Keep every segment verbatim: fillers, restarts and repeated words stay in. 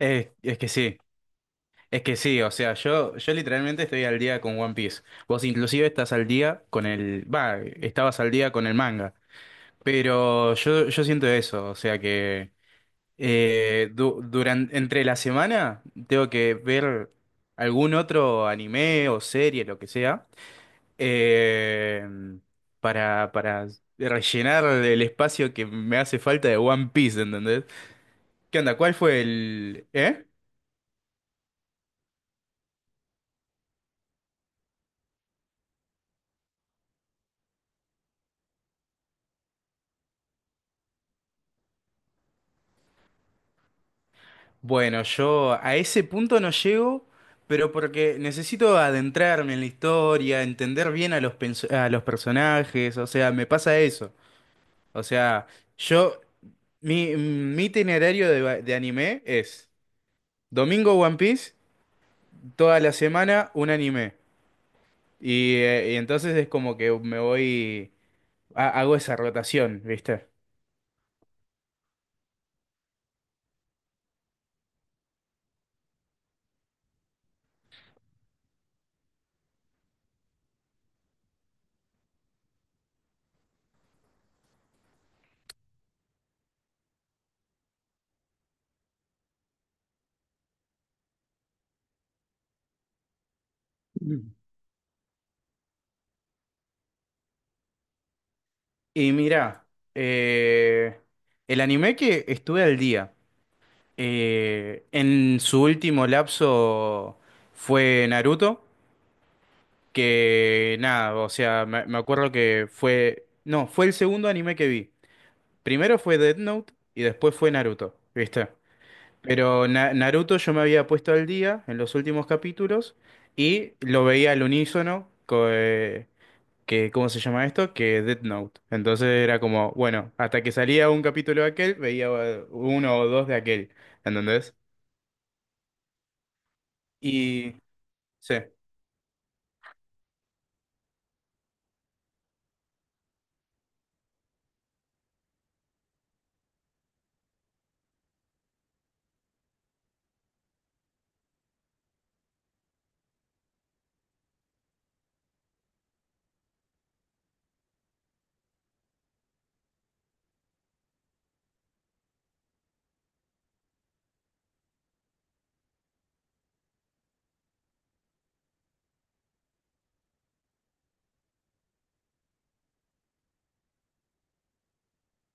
Eh, es que sí, es que sí, o sea, yo, yo literalmente estoy al día con One Piece. Vos inclusive estás al día con el, va, estabas al día con el manga, pero yo, yo siento eso, o sea que eh, durante, entre la semana tengo que ver algún otro anime o serie, lo que sea, eh, para, para rellenar el espacio que me hace falta de One Piece, ¿entendés? ¿Qué onda? ¿Cuál fue el... ¿Eh? Bueno, yo a ese punto no llego, pero porque necesito adentrarme en la historia, entender bien a los, penso- a los personajes, o sea, me pasa eso. O sea, yo, mi, mi itinerario de, va- de anime es domingo One Piece, toda la semana un anime. Y, eh, y entonces es como que me voy, ha- hago esa rotación, ¿viste? Mm. Y mira, eh, el anime que estuve al día. Eh, en su último lapso fue Naruto, que nada, o sea, me, me acuerdo que fue, no, fue el segundo anime que vi. Primero fue Death Note y después fue Naruto, ¿viste? Pero Na- Naruto yo me había puesto al día en los últimos capítulos y lo veía al unísono, co- eh, que, ¿cómo se llama esto? Que Death Note. Entonces era como, bueno, hasta que salía un capítulo de aquel, veía eh, uno o dos de aquel, ¿entendés? Y... Sí.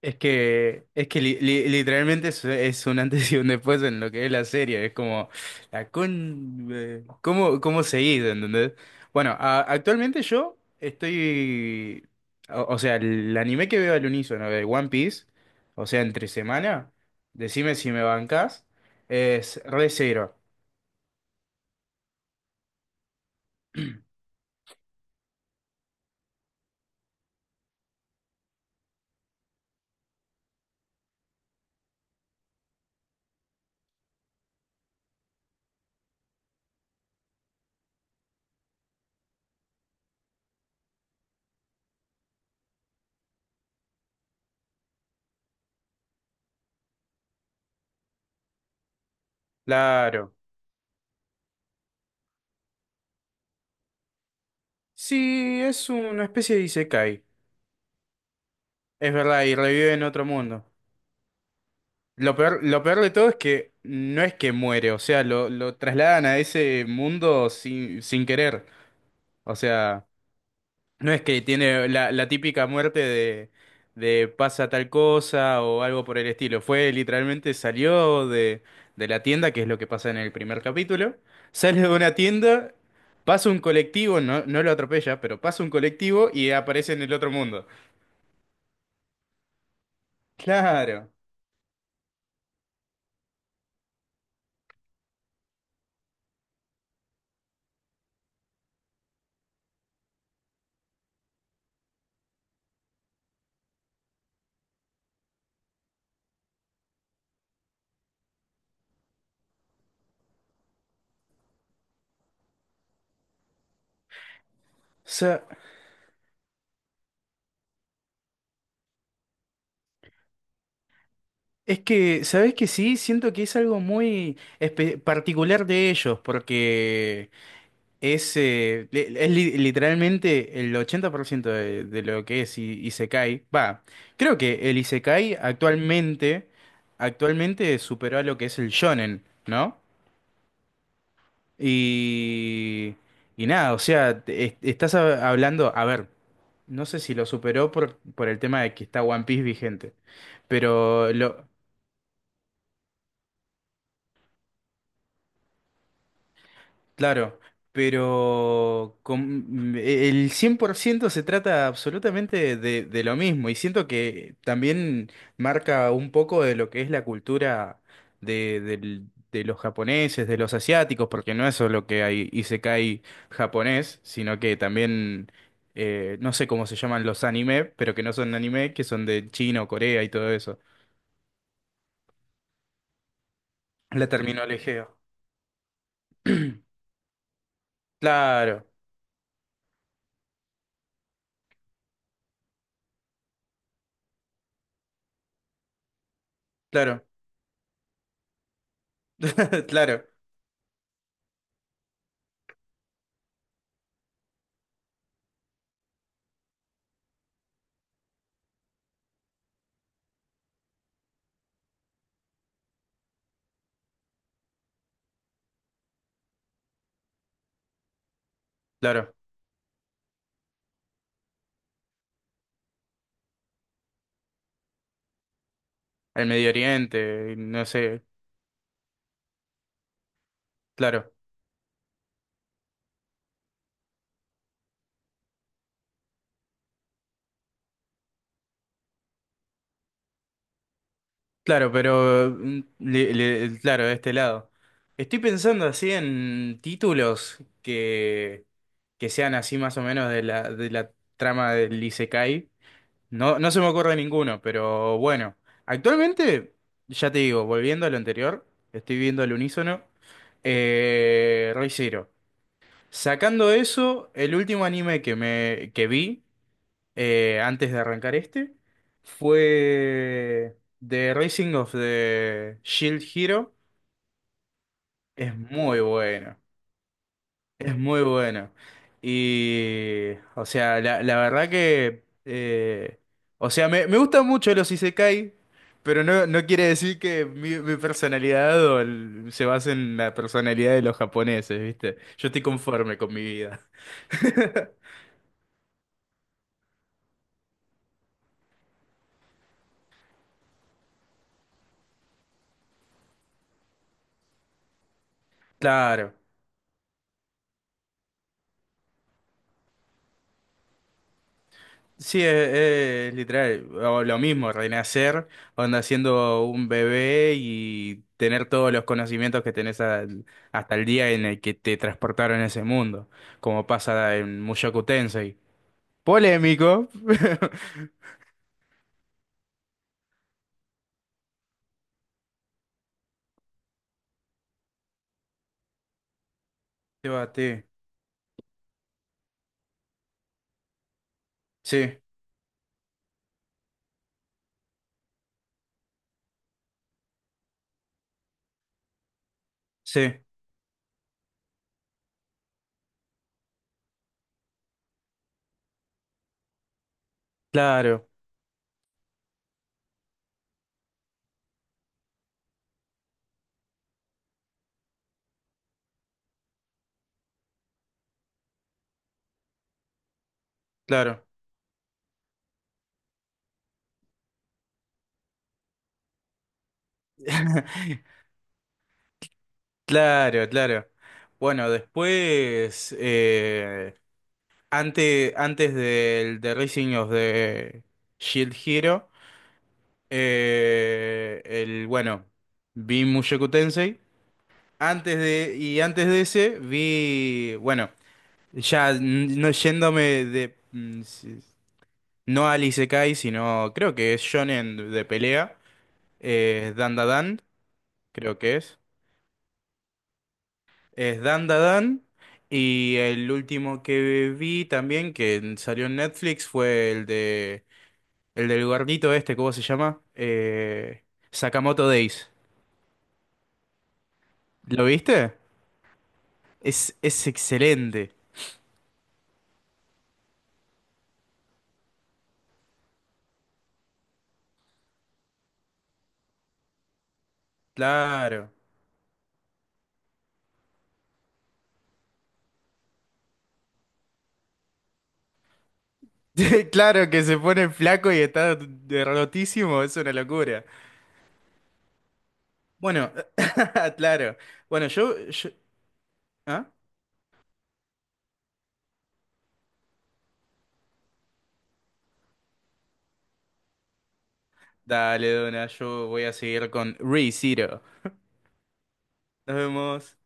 Es que, es que li- li- literalmente es, es un antes y un después en lo que es la serie. Es como, la con... eh, ¿Cómo, cómo seguís, entendés? Bueno, a- actualmente yo estoy... O, o sea, el anime que veo al unísono de One Piece, o sea, entre semana, decime si me bancás, es re Re:Zero. Claro. Sí, es una especie de isekai. Es verdad, y revive en otro mundo. Lo peor, lo peor de todo es que no es que muere, o sea, lo, lo trasladan a ese mundo sin, sin querer. O sea, no es que tiene la, la típica muerte de, de pasa tal cosa o algo por el estilo. Fue literalmente salió de, de la tienda, que es lo que pasa en el primer capítulo. Sale de una tienda, pasa un colectivo, no, no lo atropella, pero pasa un colectivo y aparece en el otro mundo. Claro. O sea, es que, ¿sabes que sí? Siento que es algo muy espe- particular de ellos, porque es, eh, li- es li- literalmente el ochenta por ciento de, de lo que es i- Isekai. Va, creo que el Isekai actualmente, actualmente superó a lo que es el shonen, ¿no? Y, y nada, o sea, te- es- estás hab- hablando, a ver, no sé si lo superó por, por el tema de que está One Piece vigente. Pero lo, claro, pero con- e, el cien por ciento se trata absolutamente de, de lo mismo y siento que también marca un poco de lo que es la cultura de, del- de los japoneses, de los asiáticos, porque no es solo que hay isekai japonés, sino que también, eh, no sé cómo se llaman los anime, pero que no son anime, que son de China o Corea y todo eso. La sí, terminología. Claro, claro, claro, claro. Al Medio Oriente, no sé, claro, claro, pero mm, le- le- claro, de este lado. Estoy pensando así en títulos que, que sean así más o menos de la, de la trama del Isekai. No, no se me ocurre ninguno, pero bueno. Actualmente, ya te digo, volviendo a lo anterior, estoy viendo al unísono, eh, Re:Zero. Sacando eso, el último anime que me que vi. Eh, antes de arrancar este, fue The Rising of the Shield Hero. Es muy bueno, es muy bueno. Y, o sea, la, la verdad que, eh, o sea, me, me gustan mucho los isekai, pero no, no quiere decir que mi, mi personalidad o el- se base en la personalidad de los japoneses, ¿viste? Yo estoy conforme con mi vida. Claro. Sí, es, es literal, o lo mismo, renacer, onda siendo un bebé y tener todos los conocimientos que tenés al- hasta el día en el que te transportaron a ese mundo, como pasa en Mushoku Tensei. Polémico. Debate. Sí, sí, claro, claro, claro, claro. Bueno, después, eh, ante- antes del The Rising of the Shield Hero. Eh, el, bueno, vi Mushoku Tensei. Antes de, y antes de ese vi, bueno, ya n- no yéndome de, mm, si- no al Isekai, sino creo que es Shonen de pelea, eh, Dandadan, creo que es. Es Dandadan. Y el último que vi también, que salió en Netflix, fue el de, el del gordito este, ¿cómo se llama? Eh, Sakamoto Days. ¿Lo viste? Es, es excelente. Claro. Claro que se pone flaco y está derrotísimo, es una locura. Bueno, claro. Bueno, yo, yo- ¿Ah? Dale, Dona, yo voy a seguir con ReZero. Nos vemos.